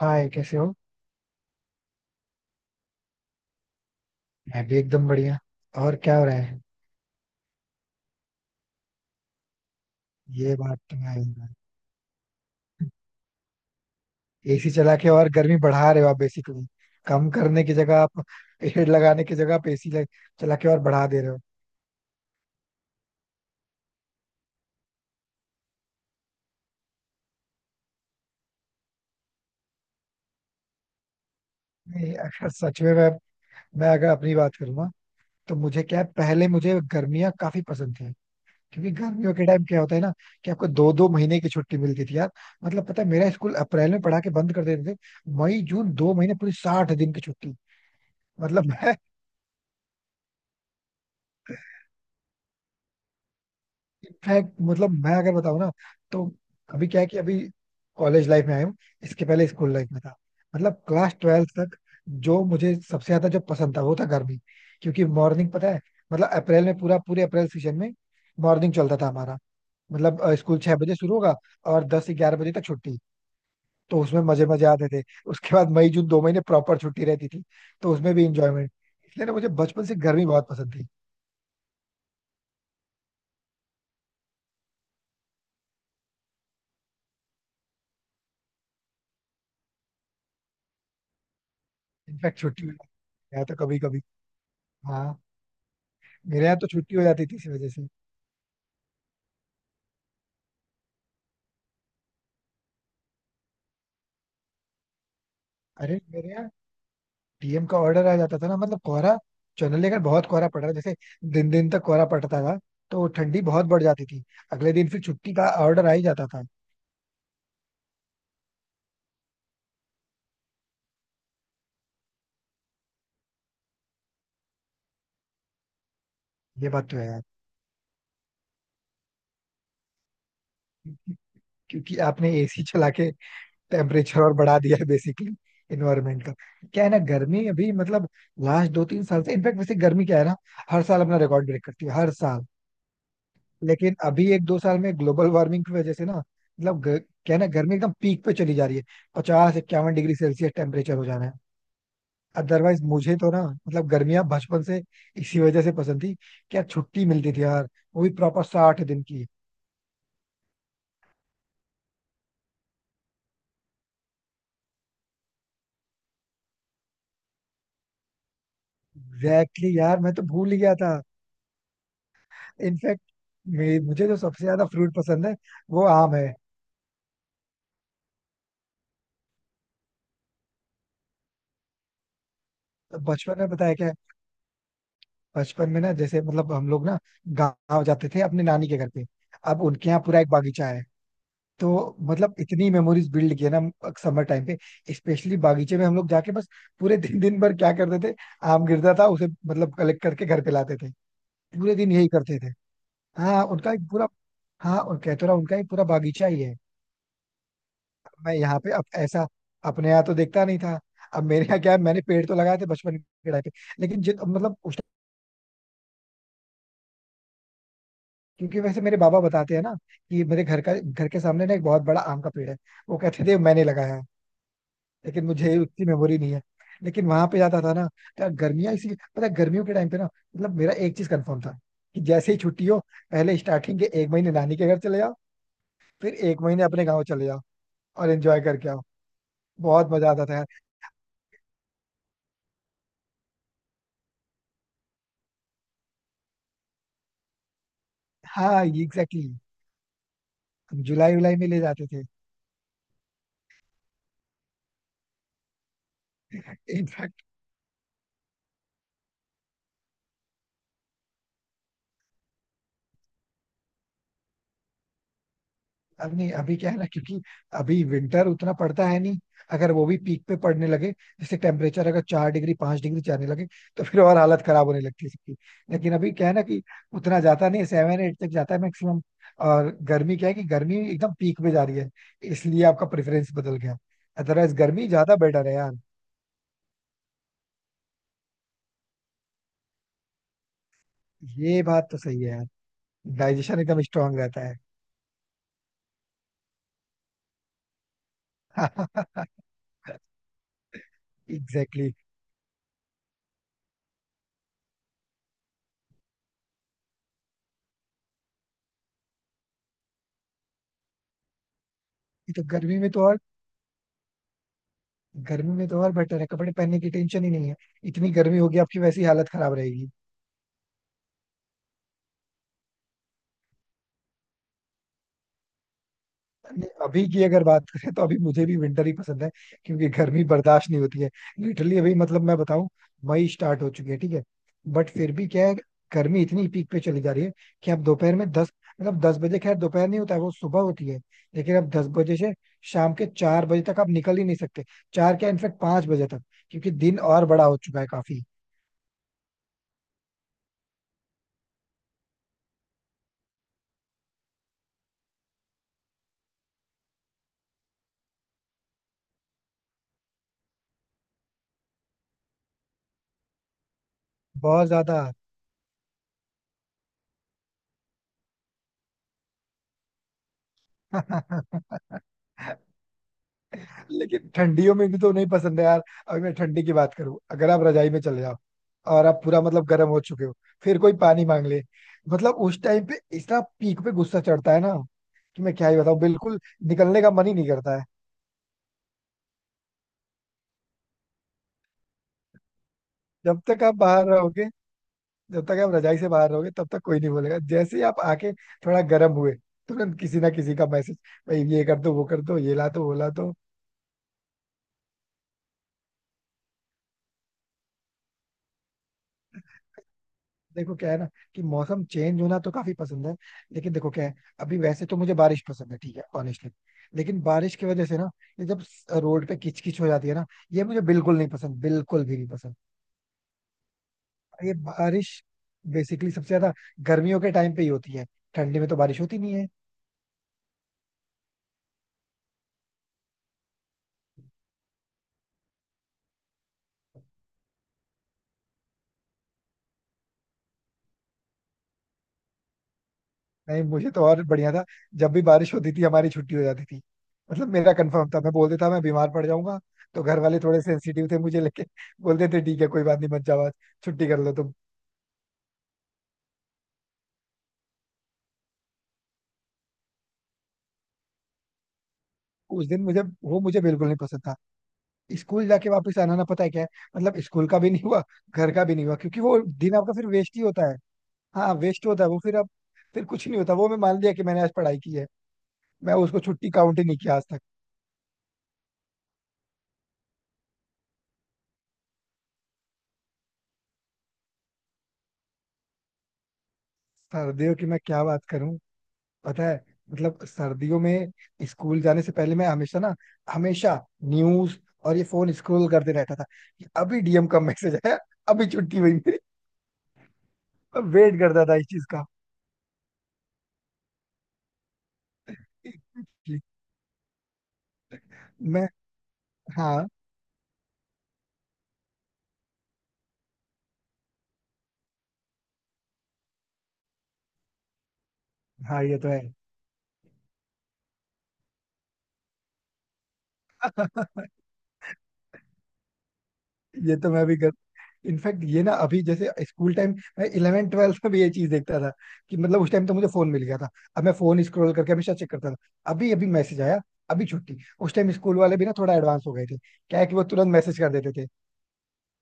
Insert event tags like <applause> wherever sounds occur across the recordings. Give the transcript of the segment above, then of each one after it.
हाय, कैसे हो। मैं भी एकदम बढ़िया। और क्या हो रहा है। ये बात तो है। एसी चला के और गर्मी बढ़ा रहे हो आप बेसिकली। कम करने की जगह आप हेड लगाने की जगह आप एसी चला के और बढ़ा दे रहे हो। नहीं, अगर सच में मैं अगर अपनी बात करूंगा, तो मुझे क्या है, पहले मुझे गर्मियां काफी पसंद थी। क्योंकि गर्मियों के टाइम क्या होता है ना कि आपको दो दो महीने की छुट्टी मिलती थी यार। मतलब पता है, मेरा स्कूल अप्रैल में पढ़ा के बंद कर देते थे। मई जून 2 महीने, पूरी 60 दिन की छुट्टी। मतलब मैं इनफैक्ट मतलब मैं अगर बताऊँ ना, तो अभी क्या है कि अभी कॉलेज लाइफ में आया हूँ। इसके पहले स्कूल लाइफ में था। मतलब क्लास ट्वेल्थ तक जो मुझे सबसे ज्यादा जो पसंद था वो था गर्मी। क्योंकि मॉर्निंग पता है, मतलब अप्रैल में पूरा पूरे अप्रैल सीजन में मॉर्निंग चलता था हमारा। मतलब स्कूल 6 बजे शुरू होगा और 10 11 बजे तक छुट्टी। तो उसमें मजे मजे आते थे। उसके बाद मई जून 2 महीने प्रॉपर छुट्टी रहती थी। तो उसमें भी इंजॉयमेंट, इसलिए ना मुझे बचपन से गर्मी बहुत पसंद थी। इनफैक्ट छुट्टी में गया तो कभी कभी मेरे यहाँ तो छुट्टी हो जाती थी इसी वजह से। अरे, मेरे यहाँ टीएम का ऑर्डर आ जाता था ना, मतलब कोहरा। जनरली अगर बहुत कोहरा पड़ रहा है, जैसे दिन दिन तक कोहरा पड़ता था, तो ठंडी बहुत बढ़ जाती थी। अगले दिन फिर छुट्टी का ऑर्डर आ ही जाता था। ये बात तो है यार, क्योंकि आपने एसी चला के टेम्परेचर और बढ़ा दिया है बेसिकली इन्वायरमेंट का। क्या है ना, गर्मी अभी, मतलब लास्ट दो तीन साल से इनफैक्ट, वैसे गर्मी क्या है ना, हर साल अपना रिकॉर्ड ब्रेक करती है हर साल। लेकिन अभी एक दो साल में ग्लोबल वार्मिंग की वजह से ना, मतलब क्या है ना, गर्मी एकदम पीक पे चली जा रही है। 50 51 डिग्री सेल्सियस टेम्परेचर हो जाना है। अदरवाइज मुझे तो ना, मतलब गर्मियां बचपन से इसी वजह से पसंद थी। क्या छुट्टी मिलती थी यार, वो भी प्रॉपर 60 दिन की। एग्जैक्टली, exactly यार, मैं तो भूल ही गया था। इनफैक्ट मुझे जो सबसे ज्यादा फ्रूट पसंद है वो आम है। तो बचपन में पता है क्या है? बचपन में ना, जैसे मतलब हम लोग ना गाँव जाते थे अपने नानी के घर पे। अब उनके यहाँ पूरा एक बागीचा है। तो मतलब इतनी मेमोरीज बिल्ड की है ना समर टाइम पे। स्पेशली बागीचे में हम लोग जाके बस पूरे दिन, दिन भर क्या करते थे, आम गिरता था उसे मतलब कलेक्ट करके घर पे लाते थे। पूरे दिन यही करते थे। हाँ, उनका एक पूरा हाँ, और कहते रहा, उनका एक पूरा बागीचा ही है। मैं यहाँ पे अब ऐसा, अपने यहाँ तो देखता नहीं था। अब मेरे यहाँ क्या है, मैंने पेड़ तो लगाए थे बचपन के टाइम पे। लेकिन जित मतलब उस क्योंकि वैसे मेरे बाबा बताते हैं ना कि मेरे घर के सामने ना एक बहुत बड़ा आम का पेड़ है। वो कहते थे मैंने लगाया है। लेकिन मुझे उतनी मेमोरी नहीं है। लेकिन वहां पे जाता था ना। तो गर्मियां इसी, पता है, गर्मियों के टाइम पे ना, मतलब मेरा एक चीज कंफर्म था कि जैसे ही छुट्टी हो, पहले स्टार्टिंग के एक महीने नानी के घर चले जाओ, फिर एक महीने अपने गाँव चले जाओ, और एंजॉय करके आओ। बहुत मजा आता था यार। हाँ, ये एग्जैक्टली exactly. हम जुलाई उलाई में ले जाते थे। अब नहीं, अभी क्या है ना, क्योंकि अभी विंटर उतना पड़ता है नहीं। अगर वो भी पीक पे पड़ने लगे, जैसे टेम्परेचर अगर 4 डिग्री 5 डिग्री जाने लगे, तो फिर और हालत खराब होने लगती है सबकी। लेकिन अभी क्या है ना, कि उतना जाता नहीं, सेवन एट तक जाता है मैक्सिमम। और गर्मी क्या है, कि गर्मी एकदम पीक पे जा रही है, इसलिए आपका प्रेफरेंस बदल गया। अदरवाइज गर्मी ज्यादा बेटर है यार। ये बात तो सही है यार। डाइजेशन एकदम स्ट्रांग रहता है। <laughs> Exactly exactly. ये तो गर्मी में तो और गर्मी में तो और बेटर है, कपड़े पहनने की टेंशन ही नहीं है। इतनी गर्मी होगी, आपकी वैसी हालत खराब रहेगी। नहीं, अभी की अगर बात करें तो अभी मुझे भी विंटर ही पसंद है, क्योंकि गर्मी बर्दाश्त नहीं होती है। लिटरली अभी, मतलब मैं बताऊं, मई स्टार्ट हो चुकी है, ठीक है। बट फिर भी क्या है, गर्मी इतनी पीक पे चली जा रही है, कि आप दोपहर में दस, मतलब 10 बजे, खैर दोपहर नहीं होता है वो सुबह होती है, लेकिन अब 10 बजे से शाम के 4 बजे तक आप निकल ही नहीं सकते। चार क्या, इनफेक्ट 5 बजे तक, क्योंकि दिन और बड़ा हो चुका है काफी। बहुत ज्यादा। <laughs> लेकिन ठंडियों में भी तो नहीं पसंद है यार। अभी मैं ठंडी की बात करूं, अगर आप रजाई में चले जाओ और आप पूरा मतलब गर्म हो चुके हो, फिर कोई पानी मांग ले, मतलब उस टाइम पे इतना पीक पे गुस्सा चढ़ता है ना कि मैं क्या ही बताऊं बिल्कुल। निकलने का मन ही नहीं करता है। जब तक आप बाहर रहोगे जब तक आप रजाई से बाहर रहोगे तब तक कोई नहीं बोलेगा, जैसे ही आप आके थोड़ा गर्म हुए, तुरंत किसी ना किसी का मैसेज, भाई ये कर दो वो कर दो ये ला दो वो ला दो। देखो क्या है ना, कि मौसम चेंज होना तो काफी पसंद है। लेकिन देखो क्या है, अभी वैसे तो मुझे बारिश पसंद है, ठीक है, ऑनेस्टली। लेकिन बारिश की वजह से ना, ये जब रोड पे किचकिच हो जाती है ना, ये मुझे बिल्कुल नहीं पसंद, बिल्कुल भी नहीं पसंद। और ये बारिश बेसिकली सबसे ज्यादा गर्मियों के टाइम पे ही होती है, ठंडी में तो बारिश होती नहीं है। नहीं, मुझे तो और बढ़िया था, जब भी बारिश होती थी हमारी छुट्टी हो जाती थी। मतलब मेरा कंफर्म था, मैं बोल देता मैं बीमार पड़ जाऊंगा, तो घर वाले थोड़े सेंसिटिव थे मुझे लेके, बोल देते ठीक है कोई बात नहीं मत जाओ आज, छुट्टी कर लो तुम। उस दिन मुझे बिल्कुल नहीं पसंद था, स्कूल जाके वापस आना ना, पता है क्या है, मतलब स्कूल का भी नहीं हुआ, घर का भी नहीं हुआ, क्योंकि वो दिन आपका फिर वेस्ट ही होता है। हाँ, वेस्ट होता है वो, फिर अब, फिर कुछ नहीं होता, वो मैं मान लिया कि मैंने आज पढ़ाई की है। मैं उसको छुट्टी काउंट ही नहीं किया आज तक। सर्दियों की मैं क्या बात करूं, पता है, मतलब सर्दियों में स्कूल जाने से पहले मैं हमेशा ना, हमेशा न्यूज और ये फोन स्क्रॉल करते रहता था, कि अभी डीएम का मैसेज आया, अभी छुट्टी हुई मेरी। मैं वेट करता था इस चीज का। <laughs> मैं हाँ हाँ, ये तो है। <laughs> ये तो मैं भी कर, इनफैक्ट ये ना, अभी जैसे स्कूल टाइम, मैं 11 ट्वेल्थ में भी ये चीज देखता था, कि मतलब उस टाइम तो मुझे फोन मिल गया था, अब मैं फोन स्क्रॉल करके हमेशा चेक करता था, अभी अभी मैसेज आया, अभी छुट्टी। उस टाइम स्कूल वाले भी ना थोड़ा एडवांस हो गए थे, क्या है कि वो तुरंत मैसेज कर देते थे,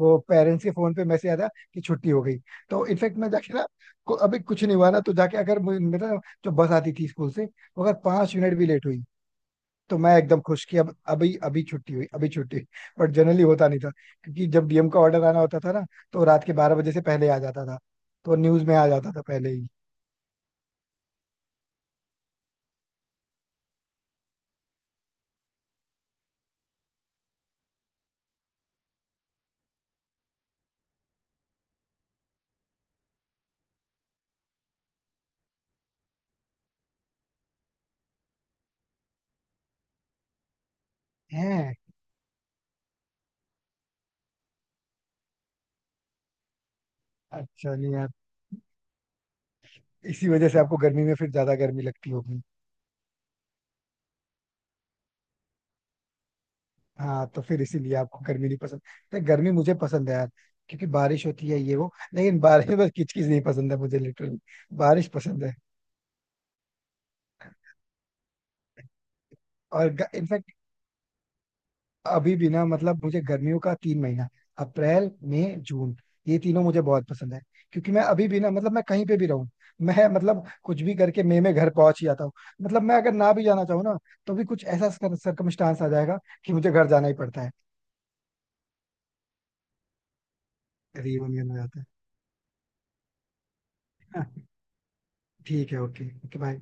वो पेरेंट्स के फोन पे मैसेज आया था कि छुट्टी हो गई। तो इनफैक्ट मैं जाके ना अभी कुछ नहीं हुआ ना, तो जाके अगर मेरा, जो बस आती थी स्कूल से वो अगर 5 मिनट भी लेट हुई, तो मैं एकदम खुश कि अब अभी अभी छुट्टी हुई, अभी छुट्टी हुई। बट जनरली होता नहीं था, क्योंकि जब डीएम का ऑर्डर आना होता था ना, तो रात के 12 बजे से पहले आ जाता था, तो न्यूज में आ जाता था पहले ही। है, अच्छा, नहीं यार, इसी वजह से आपको गर्मी में फिर ज्यादा गर्मी लगती होगी। हाँ, तो फिर इसीलिए आपको गर्मी नहीं पसंद। तो गर्मी मुझे पसंद है यार, क्योंकि बारिश होती है ये वो, लेकिन बारिश में बस किचकिच नहीं पसंद है मुझे लिटरली। बारिश पसंद है। और इनफैक्ट अभी भी ना, मतलब मुझे गर्मियों का 3 महीना, अप्रैल मई जून, ये तीनों मुझे बहुत पसंद है। क्योंकि मैं अभी भी ना, मतलब मैं कहीं पे भी रहूं, मैं मतलब कुछ भी करके मई में घर पहुंच ही जाता हूँ। मतलब मैं अगर ना भी जाना चाहूँ ना, तो भी कुछ ऐसा सरकमस्टांस आ जाएगा कि मुझे घर जाना ही पड़ता है, रियूनियन हो जाता है। <laughs> ठीक है, ओके ओके बाय।